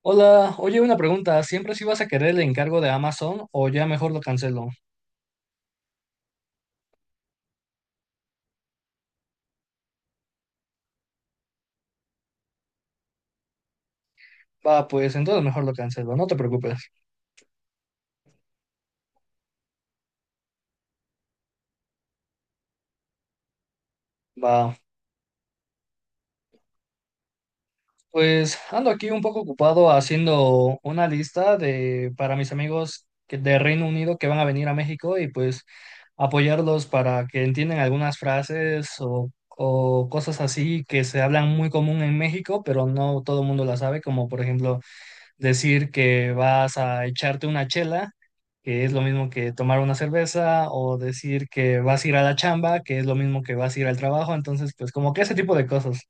Hola, oye, una pregunta. ¿Siempre sí vas a querer el encargo de Amazon o ya mejor lo cancelo? Va, pues entonces mejor lo cancelo, no te preocupes. Va, pues ando aquí un poco ocupado haciendo una lista de para mis amigos de Reino Unido que van a venir a México y pues apoyarlos para que entiendan algunas frases o cosas así que se hablan muy común en México, pero no todo el mundo las sabe, como por ejemplo decir que vas a echarte una chela, que es lo mismo que tomar una cerveza, o decir que vas a ir a la chamba, que es lo mismo que vas a ir al trabajo. Entonces pues como que ese tipo de cosas.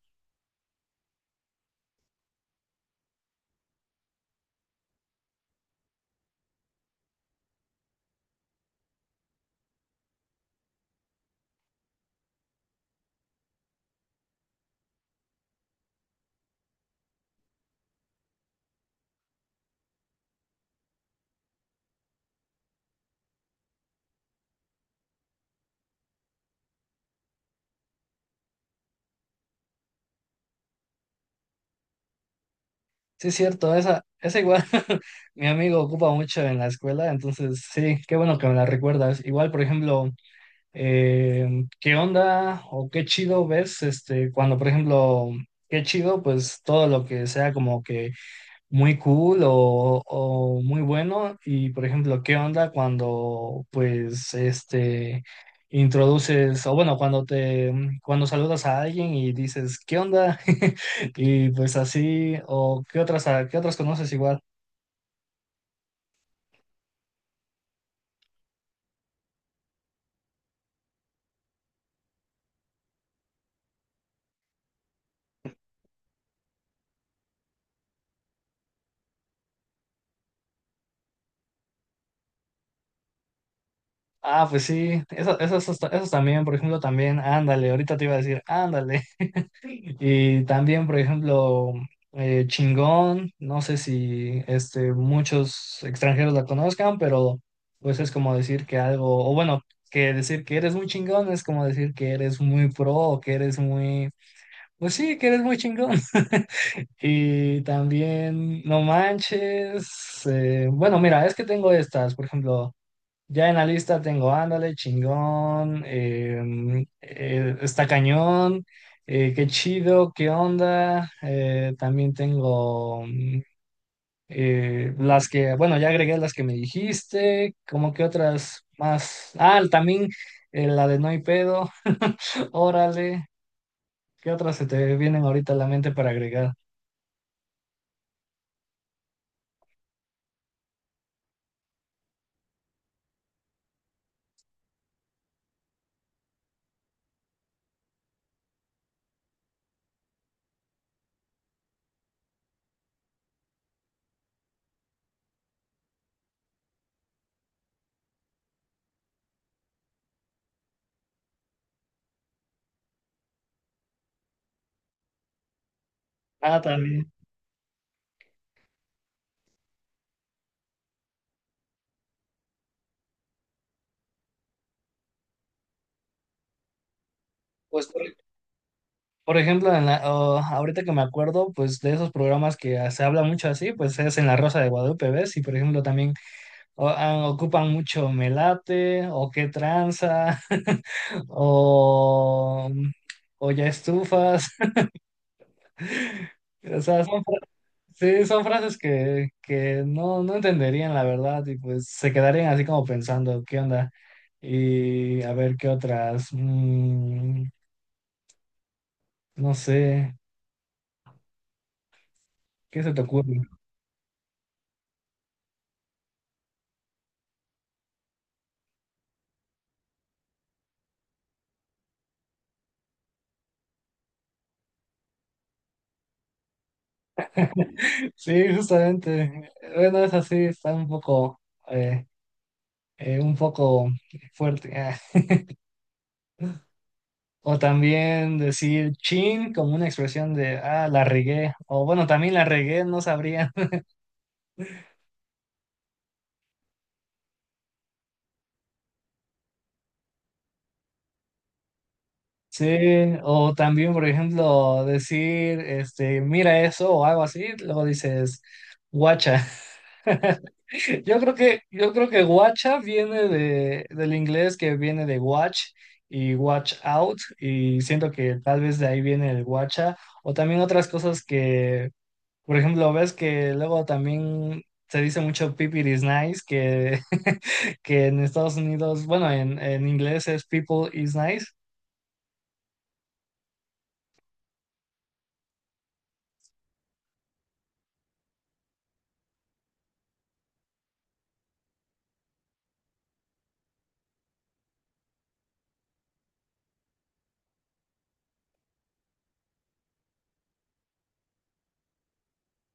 Sí, es cierto, esa igual mi amigo ocupa mucho en la escuela, entonces sí, qué bueno que me la recuerdas. Igual, por ejemplo, ¿qué onda o qué chido ves este, cuando, por ejemplo, qué chido? Pues todo lo que sea como que muy cool o muy bueno. Y por ejemplo, ¿qué onda cuando pues este introduces, o bueno, cuando te cuando saludas a alguien y dices, ¿qué onda? Y pues así, o qué otras, qué otras conoces igual. Ah, pues sí, eso también, por ejemplo, también, ándale, ahorita te iba a decir, ándale. Y también, por ejemplo, chingón, no sé si este, muchos extranjeros la conozcan, pero pues es como decir que algo, o bueno, que decir que eres muy chingón es como decir que eres muy pro o que eres muy, pues sí, que eres muy chingón. Y también, no manches, bueno, mira, es que tengo estas, por ejemplo. Ya en la lista tengo ándale, chingón, está cañón, qué chido, qué onda. También tengo las que, bueno, ya agregué las que me dijiste, como que otras más. Ah, también la de no hay pedo, órale, ¿qué otras se te vienen ahorita a la mente para agregar? Ah, también. Pues por ejemplo, en la, oh, ahorita que me acuerdo, pues de esos programas que ah, se habla mucho así, pues es en La Rosa de Guadalupe, ¿ves? Y por ejemplo también oh, ah, ocupan mucho melate o qué tranza o, o ya estufas. O sea, sí, son frases que no, no entenderían la verdad, y pues se quedarían así como pensando, ¿qué onda? Y a ver qué otras. No sé, ¿qué se te ocurre? Sí, justamente. Bueno, es así, está eh, un poco fuerte. Ah. O también decir chin como una expresión de, ah, la regué. O bueno, también la regué, no sabría. Sí, o también, por ejemplo, decir, este, mira eso o algo así, luego dices, guacha. Yo creo que guacha viene de, del inglés, que viene de watch y watch out, y siento que tal vez de ahí viene el guacha, o también otras cosas que, por ejemplo, ves que luego también se dice mucho people is nice, que, que en Estados Unidos, bueno, en inglés es people is nice.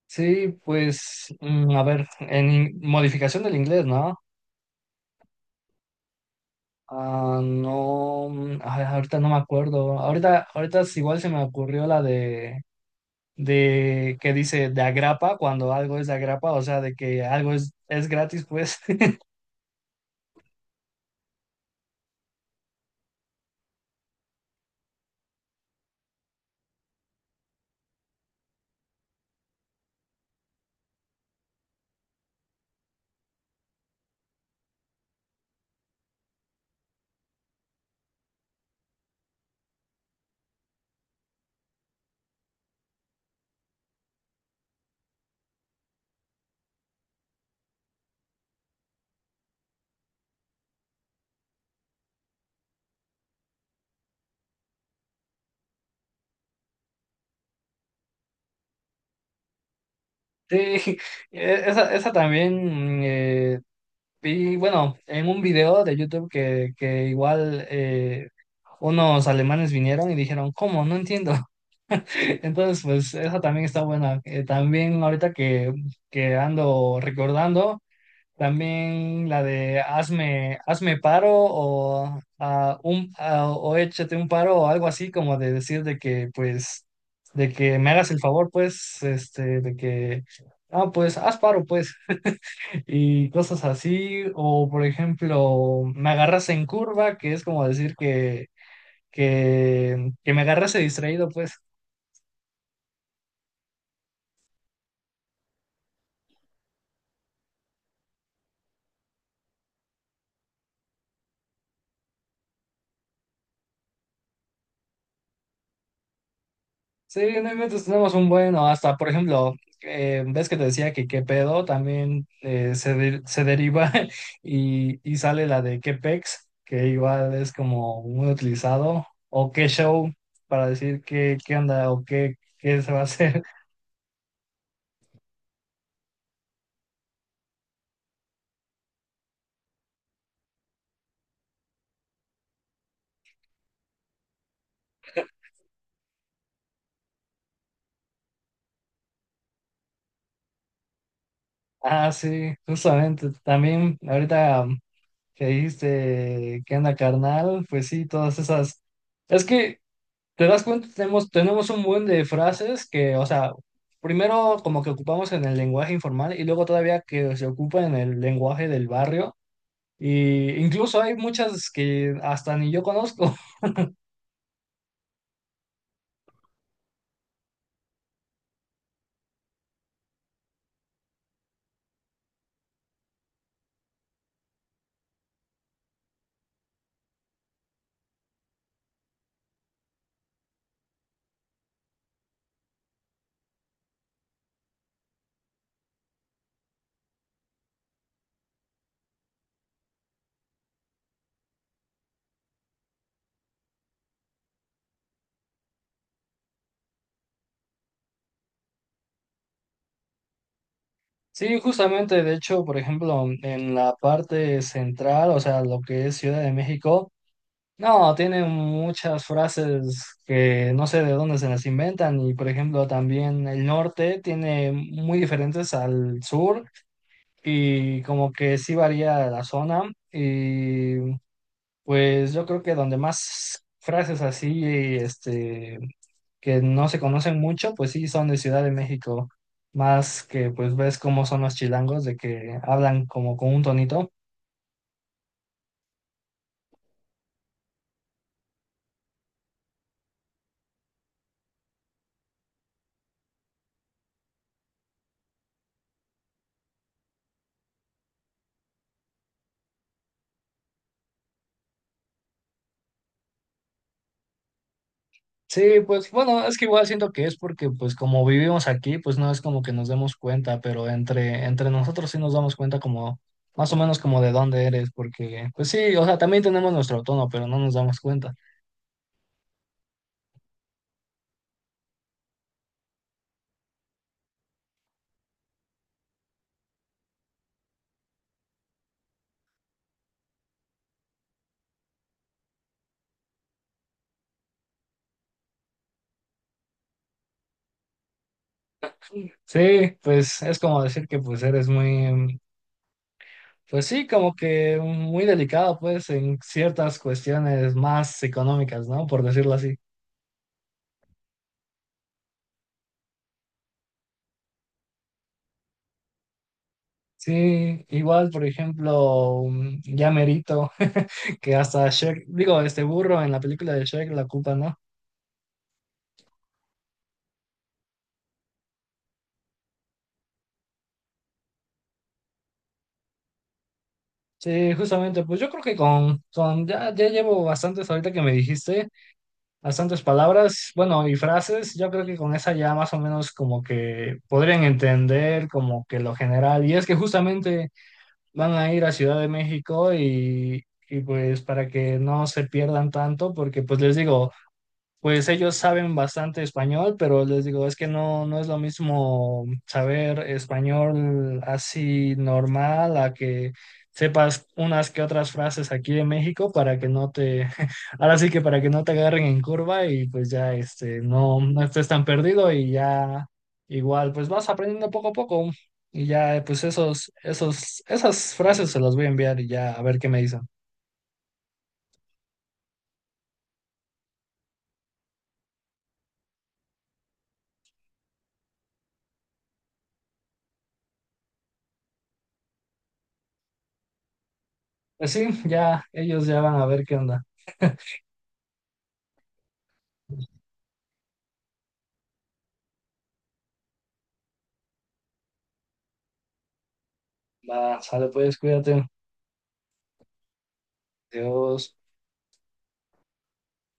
Sí, pues, a ver, modificación del inglés, ¿no? Ah, no, ay, ahorita no me acuerdo. Ahorita es igual se me ocurrió la de que dice de agrapa, cuando algo es de agrapa, o sea, de que algo es gratis, pues. Sí, esa también vi, bueno, en un video de YouTube que igual unos alemanes vinieron y dijeron, ¿cómo? No entiendo. Entonces, pues esa también está buena. También ahorita que ando recordando. También la de hazme paro, o échate un paro o algo así, como de decir de que, pues, de que me hagas el favor, pues, este, de que, ah, pues, haz paro, pues, y cosas así. O, por ejemplo, me agarras en curva, que es como decir que me agarras distraído, pues. Sí, no inventes, tenemos un bueno, hasta por ejemplo, ves que te decía que qué pedo también se deriva y sale la de qué pex, que igual es como muy utilizado, o qué show para decir qué, qué onda o qué, qué se va a hacer. Ah, sí, justamente, también ahorita que dijiste qué onda carnal, pues sí, todas esas. Es que ¿te das cuenta? Tenemos un buen de frases que, o sea, primero como que ocupamos en el lenguaje informal y luego todavía que se ocupa en el lenguaje del barrio. Y incluso hay muchas que hasta ni yo conozco. Sí, justamente, de hecho, por ejemplo, en la parte central, o sea, lo que es Ciudad de México, no, tiene muchas frases que no sé de dónde se las inventan. Y, por ejemplo, también el norte tiene muy diferentes al sur, y como que sí varía la zona y pues yo creo que donde más frases así este que no se conocen mucho, pues sí son de Ciudad de México, más que pues ves cómo son los chilangos de que hablan como con un tonito. Sí, pues bueno, es que igual siento que es porque pues como vivimos aquí, pues no es como que nos demos cuenta, pero entre nosotros sí nos damos cuenta como más o menos como de dónde eres, porque pues sí, o sea, también tenemos nuestro tono, pero no nos damos cuenta. Sí, pues es como decir que pues eres muy, pues sí, como que muy delicado pues en ciertas cuestiones más económicas, ¿no? Por decirlo así. Sí, igual, por ejemplo, ya merito, que hasta Shrek, digo, este burro en la película de Shrek la culpa, ¿no? Sí, justamente, pues yo creo que con ya, ya llevo bastantes ahorita que me dijiste, bastantes palabras, bueno, y frases, yo creo que con esa ya más o menos como que podrían entender como que lo general, y es que justamente van a ir a Ciudad de México y pues para que no se pierdan tanto, porque pues les digo, pues ellos saben bastante español, pero les digo, es que no, no es lo mismo saber español así normal a que sepas unas que otras frases aquí de México para que no te, ahora sí que para que no te agarren en curva, y pues ya este, no, no estés tan perdido, y ya igual pues vas aprendiendo poco a poco, y ya pues esas frases se las voy a enviar y ya a ver qué me dicen. Pues sí, ya ellos ya van a ver qué onda. Va, sale pues, cuídate. Dios.